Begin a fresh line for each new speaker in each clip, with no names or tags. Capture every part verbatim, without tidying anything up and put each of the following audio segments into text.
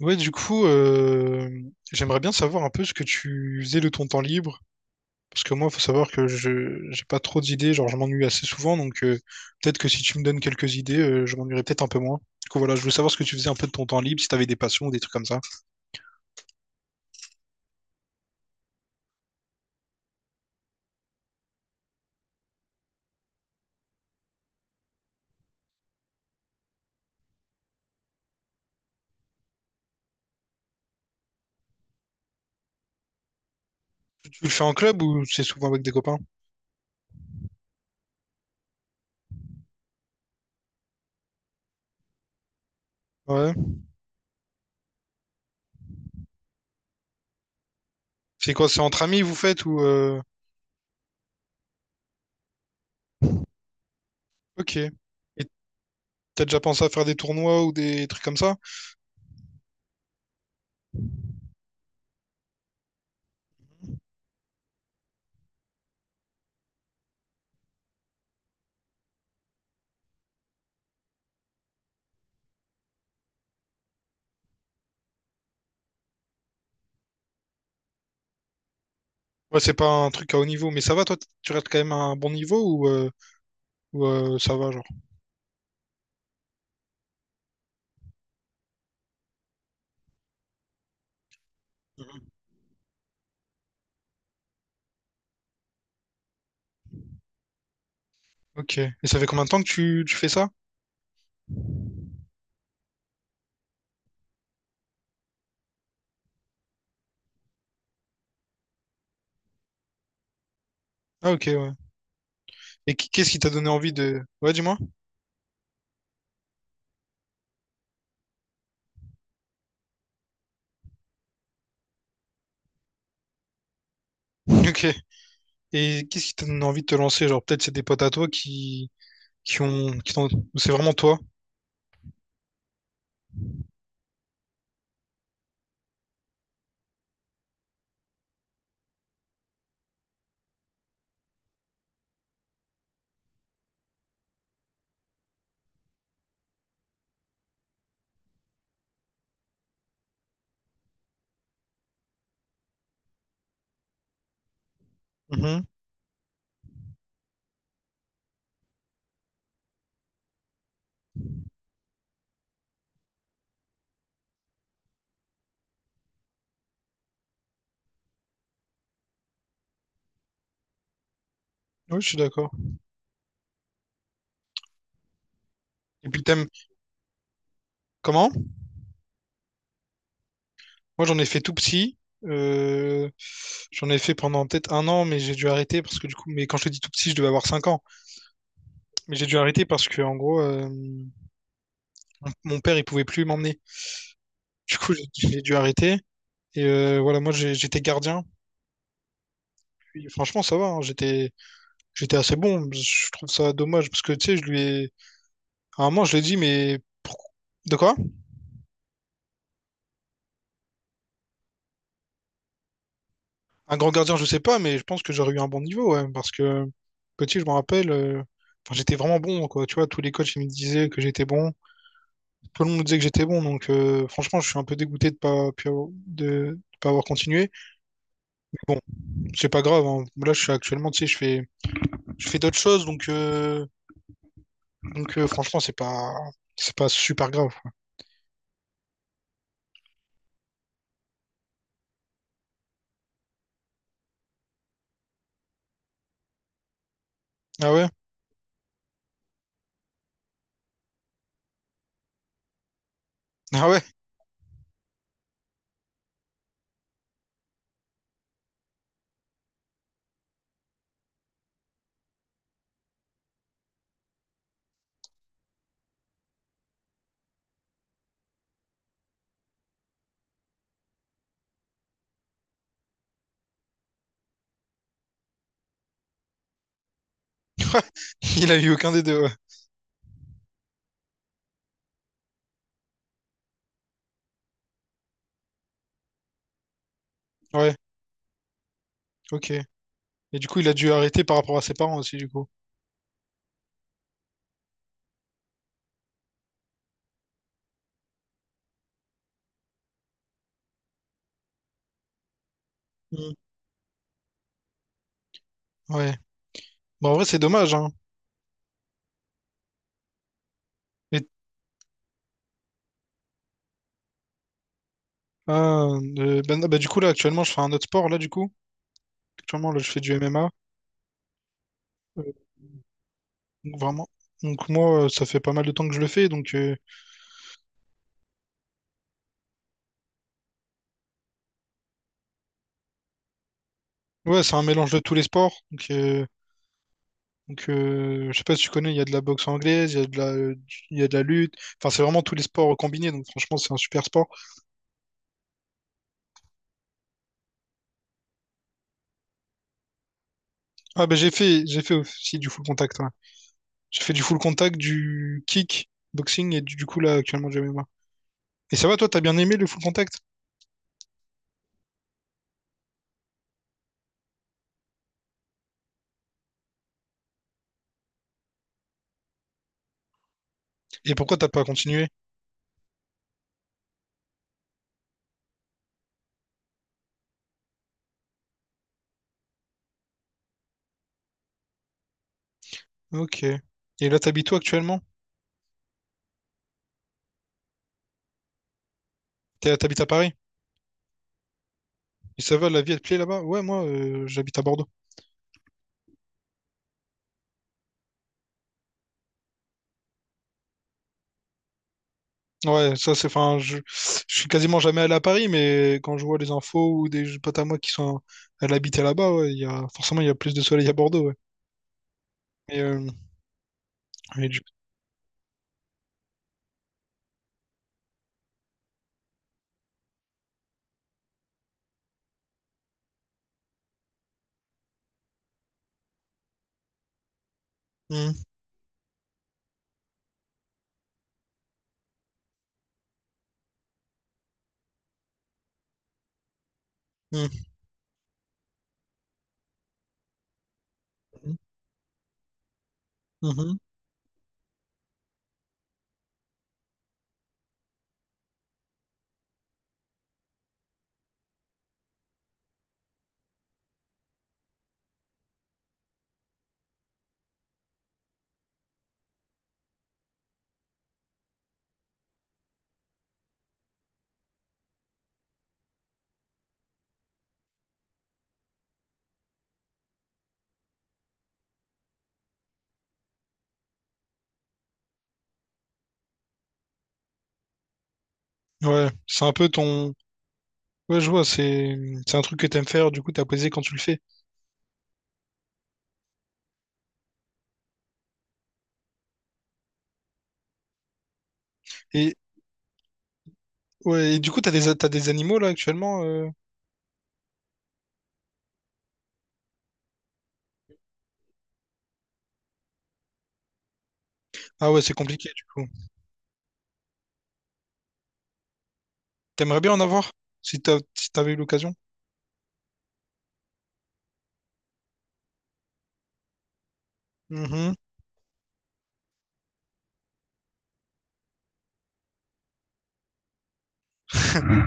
Ouais, du coup, euh, j'aimerais bien savoir un peu ce que tu faisais de ton temps libre. Parce que moi, faut savoir que je j'ai pas trop d'idées, genre je m'ennuie assez souvent, donc euh, peut-être que si tu me donnes quelques idées, euh, je m'ennuierais peut-être un peu moins. Du coup, voilà, je voulais savoir ce que tu faisais un peu de ton temps libre, si t'avais des passions ou des trucs comme ça. Tu le fais en club ou c'est souvent avec des copains? Ouais. C'est quoi, c'est entre amis vous faites ou... euh, Ok. Et t'as déjà pensé à faire des tournois ou des trucs comme ça? Ouais, c'est pas un truc à haut niveau, mais ça va, toi, t- tu restes quand même à un bon niveau ou, euh, ou, euh, ça va, genre? Mhm. Ok. Et ça fait combien de temps que tu, tu fais ça? Ah, ok, ouais. Et qui- qu'est-ce qui t'a donné envie de... Ouais, dis-moi. Ok. Et qu'est-ce qui t'a donné envie de te lancer? Genre, peut-être c'est des potes à toi qui, qui ont... Qui t'ont- ou c'est vraiment toi? Mhm. Oui, je suis d'accord. Et puis t'aimes comment? Moi j'en ai fait tout petit. Euh, J'en ai fait pendant peut-être un an, mais j'ai dû arrêter parce que du coup, mais quand je te dis tout petit, je devais avoir cinq ans. Mais j'ai dû arrêter parce que en gros, euh, mon- mon père, il pouvait plus m'emmener. Du coup, j'ai j'ai dû arrêter. Et euh, voilà, moi, j'ai- j'étais gardien. Puis, franchement, ça va, hein, j'étais, j'étais assez bon. Je trouve ça dommage parce que, tu sais, je lui ai... À un moment, je lui ai dit, mais... pourquoi- De quoi? Un grand gardien, je sais pas, mais je pense que j'aurais eu un bon niveau, ouais, parce que petit, je me rappelle, euh, enfin, j'étais vraiment bon, quoi. Tu vois, tous les coachs, ils me disaient que j'étais bon. Tout le monde me disait que j'étais bon, donc euh, franchement, je suis un peu dégoûté de pas, pu avoir- de, de pas avoir continué. Mais bon, c'est pas grave, hein. Là, je suis actuellement, tu sais, je fais, je fais d'autres choses, donc, euh, donc euh, franchement, c'est pas, c'est pas super grave. Ah ouais? Ah ouais? Il a eu aucun des deux, ouais. Ouais, ok. Et du coup, il a dû arrêter par rapport à ses parents aussi, du coup. Mm. Ouais. Bon, en vrai, c'est dommage, hein. Et, ah, euh, ben, ah, bah, du coup, là, actuellement, je fais un autre sport, là, du coup. Actuellement, là, je fais du M M A. Euh, donc, vraiment. Donc, moi, euh, ça fait pas mal de temps que je le fais. Donc, euh, ouais, c'est un mélange de tous les sports. Donc, euh, Donc, euh, je sais pas si tu connais, il y a de la boxe anglaise, il y a de la, il y a de la lutte. Enfin, c'est vraiment tous les sports combinés. Donc, franchement, c'est un super sport. Ah, ben, j'ai fait, j'ai fait aussi du full contact, ouais. J'ai fait du full contact, du kick, boxing et du, du coup, là, actuellement, du M M A. Et ça va, toi, t'as bien aimé le full contact? Et pourquoi t'as pas continué? Ok. Et là, t'habites où actuellement? T'es- T'habites à Paris? Et ça va, la vie, elle te plaît là-bas? Ouais, moi, euh, j'habite à Bordeaux. Ouais, ça c'est, enfin, je, je suis quasiment jamais allé à Paris, mais quand je vois les infos ou des potes à moi qui sont allés habiter là-bas, ouais, il y a, forcément il y a plus de soleil à Bordeaux, ouais. Et, euh, et du- mhm, mhm, mhm. Ouais, c'est un peu ton, ouais, je vois, c'est, c'est un truc que t'aimes faire, du coup t'as plaisir quand tu le fais. Et ouais, et du coup t'as des, t'as des animaux là actuellement, euh. Ah ouais, c'est compliqué du coup. T'aimerais bien en avoir si t'as, si t'avais eu l'occasion.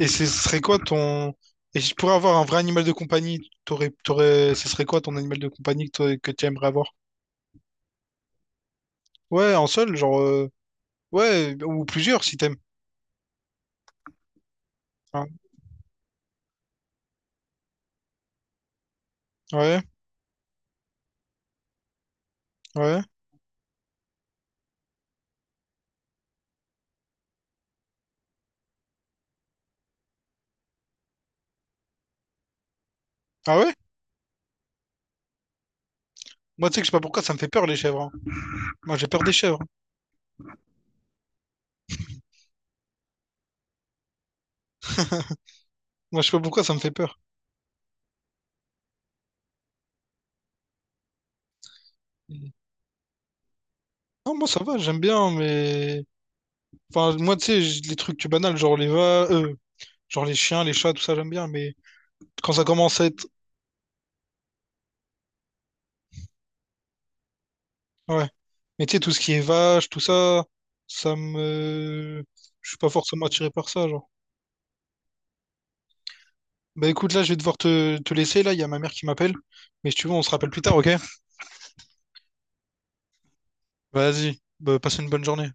Et ce serait quoi ton. Et si tu pourrais avoir un vrai animal de compagnie, t'aurais, t'aurais... ce serait quoi ton animal de compagnie que, t'aurais- que tu aimerais avoir? Ouais, un seul, genre, euh. Ouais, ou plusieurs si t'aimes. Hein. Ouais, ouais. Ah ouais? Moi, tu sais que je sais pas pourquoi ça me fait peur, les chèvres, hein. Moi, j'ai peur des chèvres, hein. Moi, je sais pas pourquoi ça me fait peur. Non, moi, ça va, j'aime bien, mais. Enfin, moi, tu sais, j- les trucs banals, genre les va... euh, genre les chiens, les chats, tout ça, j'aime bien, mais quand ça commence à être ouais. Mais tu sais, tout ce qui est vache, tout ça, ça me... Je suis pas forcément attiré par ça, genre. Bah écoute, là, je vais devoir te, te laisser, là, il y a ma mère qui m'appelle. Mais si tu veux, on se rappelle plus tard, ok? Vas-y, bah, passe une bonne journée.